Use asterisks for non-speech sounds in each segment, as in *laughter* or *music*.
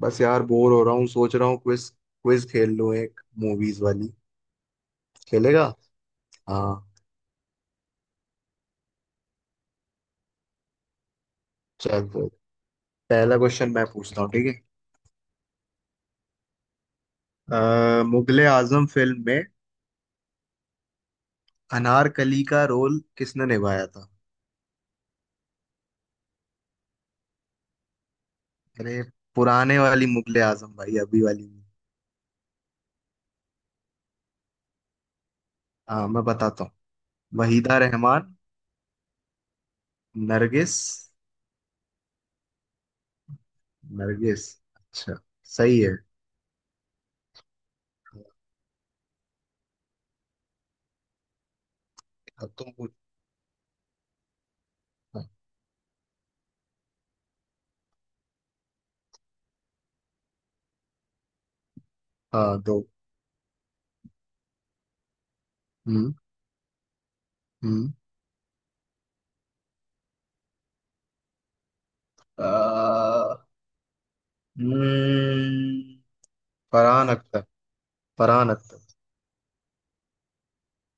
बस यार बोर हो रहा हूँ। सोच रहा हूँ क्विज, खेल लूँ एक मूवीज वाली। खेलेगा? हाँ, चल फिर। पहला क्वेश्चन मैं पूछता हूँ, ठीक है। मुगले आजम फिल्म में अनारकली का रोल किसने निभाया था? अरे, पुराने वाली मुगले आजम भाई, अभी वाली नहीं। हाँ मैं बताता हूँ। वहीदा रहमान, नरगिस, नरगिस। अच्छा, सही है। अब तुम पूछो। हाँ दो। हम्म। हम्म। अ, हम्म, फरहान अख्तर। फरहान अख्तर।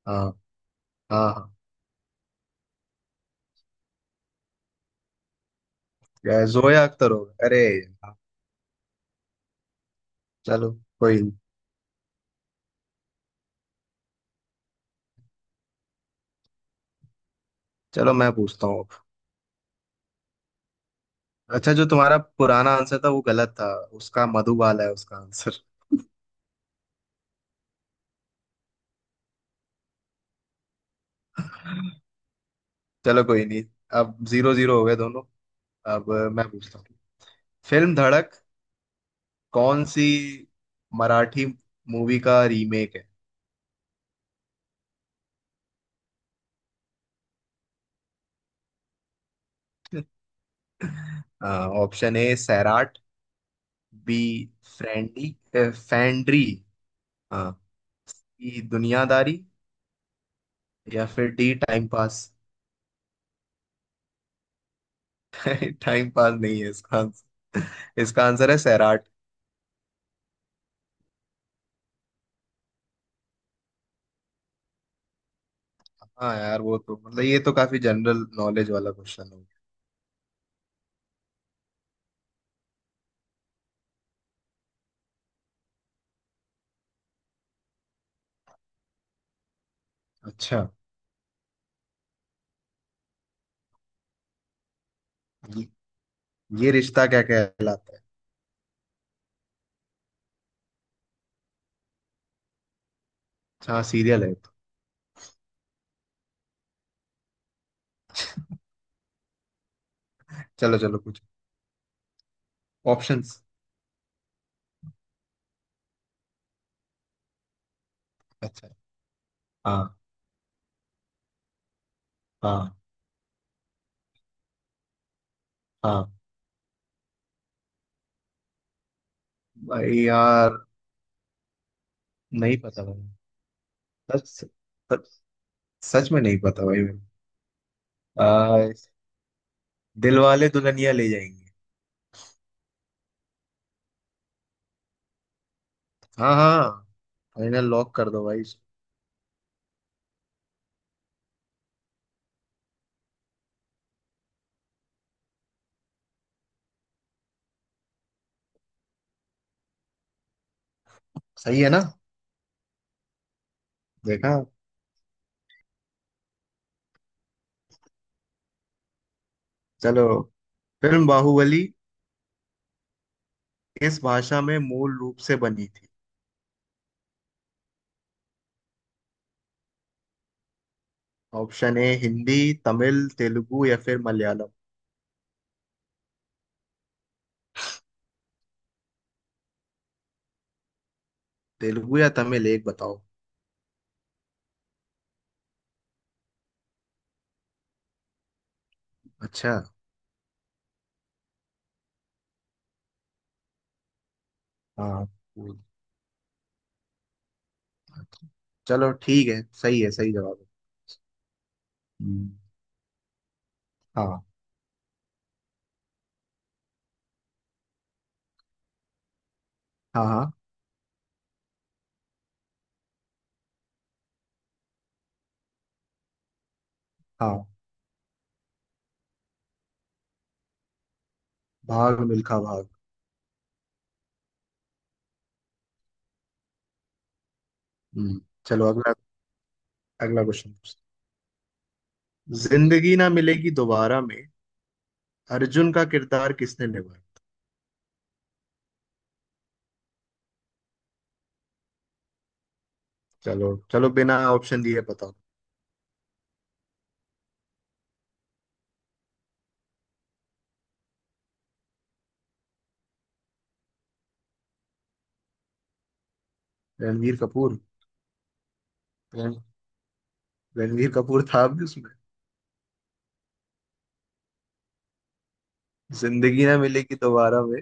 हाँ हाँ हाँ। जोया अख्तर हो, अरे यार, चलो कोई नहीं। चलो मैं पूछता हूँ। अच्छा, जो तुम्हारा पुराना आंसर था वो गलत था। उसका मधुबाला है उसका आंसर। *laughs* चलो कोई नहीं। अब जीरो जीरो हो गए दोनों। अब मैं पूछता हूँ। फिल्म धड़क कौन सी मराठी मूवी का रीमेक है? *laughs* Option A Sairat, B फ्रेंडी Fandry, हाँ, सी दुनियादारी, या फिर डी टाइम पास। *laughs* टाइम पास नहीं है इसका आंसर। इसका आंसर है सैराट। हाँ यार, वो तो मतलब ये तो काफी जनरल नॉलेज वाला क्वेश्चन हो गया। अच्छा, ये, ये रिश्ता क्या कहलाता है। अच्छा, हाँ, सीरियल है ये तो। चलो चलो कुछ ऑप्शंस। अच्छा। हाँ। हाँ। हाँ भाई। यार नहीं पता भाई। सच। सच, सच में नहीं पता भाई मेरे। आ, दिल वाले दुल्हनिया ले जाएंगे। हाँ हाँ। फाइनल लॉक कर दो भाई। सही है ना? देखा। चलो। फिल्म बाहुबली किस भाषा में मूल रूप से बनी थी? ऑप्शन ए हिंदी, तमिल, तेलुगु या फिर मलयालम। तेलुगु या तमिल, एक बताओ। अच्छा। हाँ। वो- चलो ठीक है, सही है, सही जवाब है। हम्म, हाँ हाँ हाँ। भाग मिल्खा भाग। हम्म। चलो अगला, अगला क्वेश्चन। जिंदगी ना मिलेगी दोबारा में अर्जुन का किरदार किसने निभाया? चलो चलो, बिना ऑप्शन दिए बताओ। रणवीर कपूर। रण- रणवीर कपूर था भी उसमें। जिंदगी ना मिलेगी दोबारा में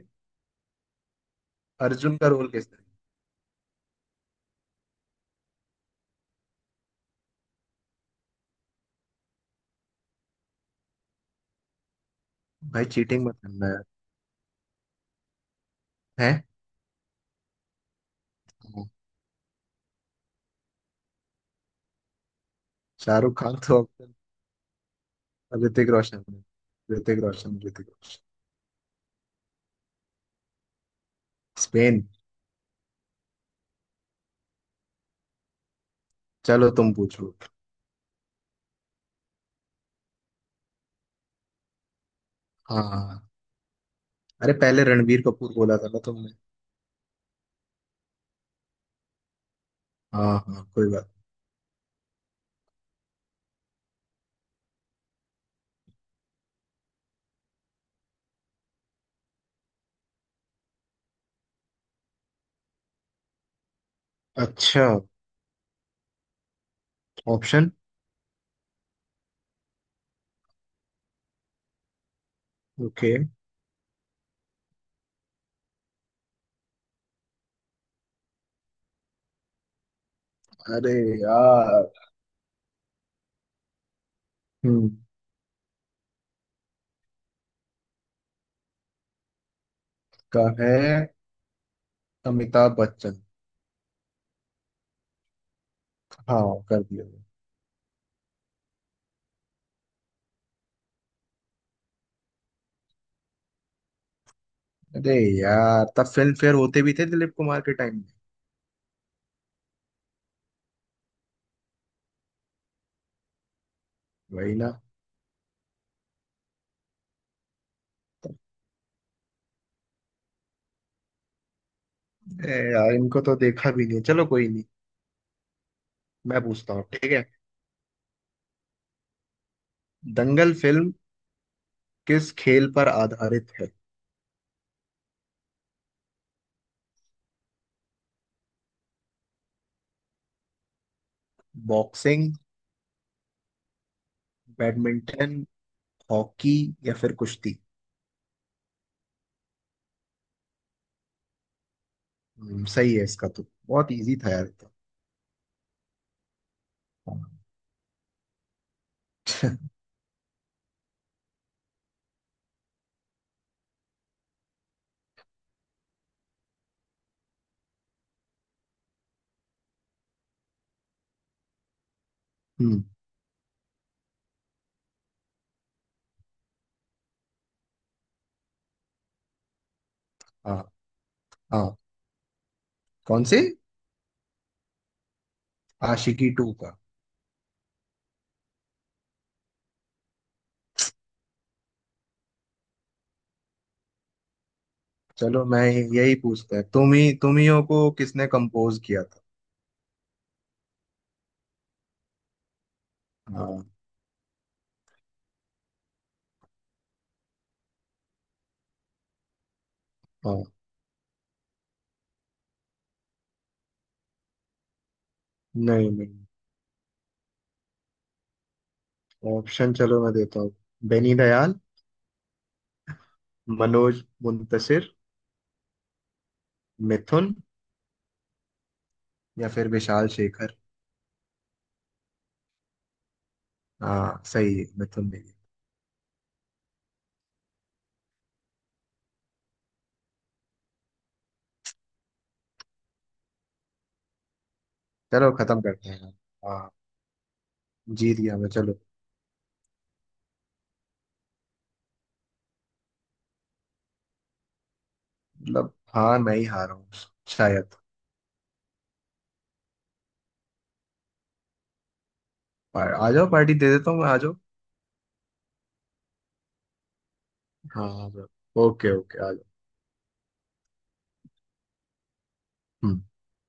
अर्जुन का रोल कैसा है? भाई चीटिंग मत करना यार। है। हाँ। शाहरुख खान तो अब ऋतिक रोशन है। ऋतिक रोशन। स्पेन। चलो तुम पूछो। हाँ। अरे पहले रणबीर कपूर बोला था ना तुमने। हाँ हाँ, कोई बात। अच्छा, ऑप्शन। ओके। अरे यार। हम्म। का है अमिताभ बच्चन। हाँ, कर दिया मैंने। अरे यार, तब फिल्म फेयर होते भी थे दिलीप कुमार के टाइम में? वही ना। ए यार, इनको तो देखा भी नहीं, चलो कोई नहीं। मैं पूछता हूँ, ठीक है। दंगल फिल्म किस खेल पर आधारित है? बॉक्सिंग, बैडमिंटन, हॉकी या फिर कुश्ती। सही है, इसका तो बहुत इजी था यार ये तो। हम्म। हाँ। हाँ कौन से। आशिकी टू का। चलो मैं यही पूछता है, तुम ही तुम हियों को किसने कंपोज किया था? हाँ। हाँ। नहीं नहीं। ऑप्शन चलो मैं देता हूँ। बेनी दयाल, मनोज मुंतशिर, मिथुन, या फिर विशाल शेखर। हाँ सही है, मिथुन। चलो खत्म करते हैं। हाँ, जीत गया मैं, चलो। मतलब हाँ, मैं ही हारा हूँ शायद। आ, आ जाओ, पार्टी दे देता हूँ, मैं आ जाओ। हाँ आ जाओ। ओके ओके, आ जाओ। हम्म।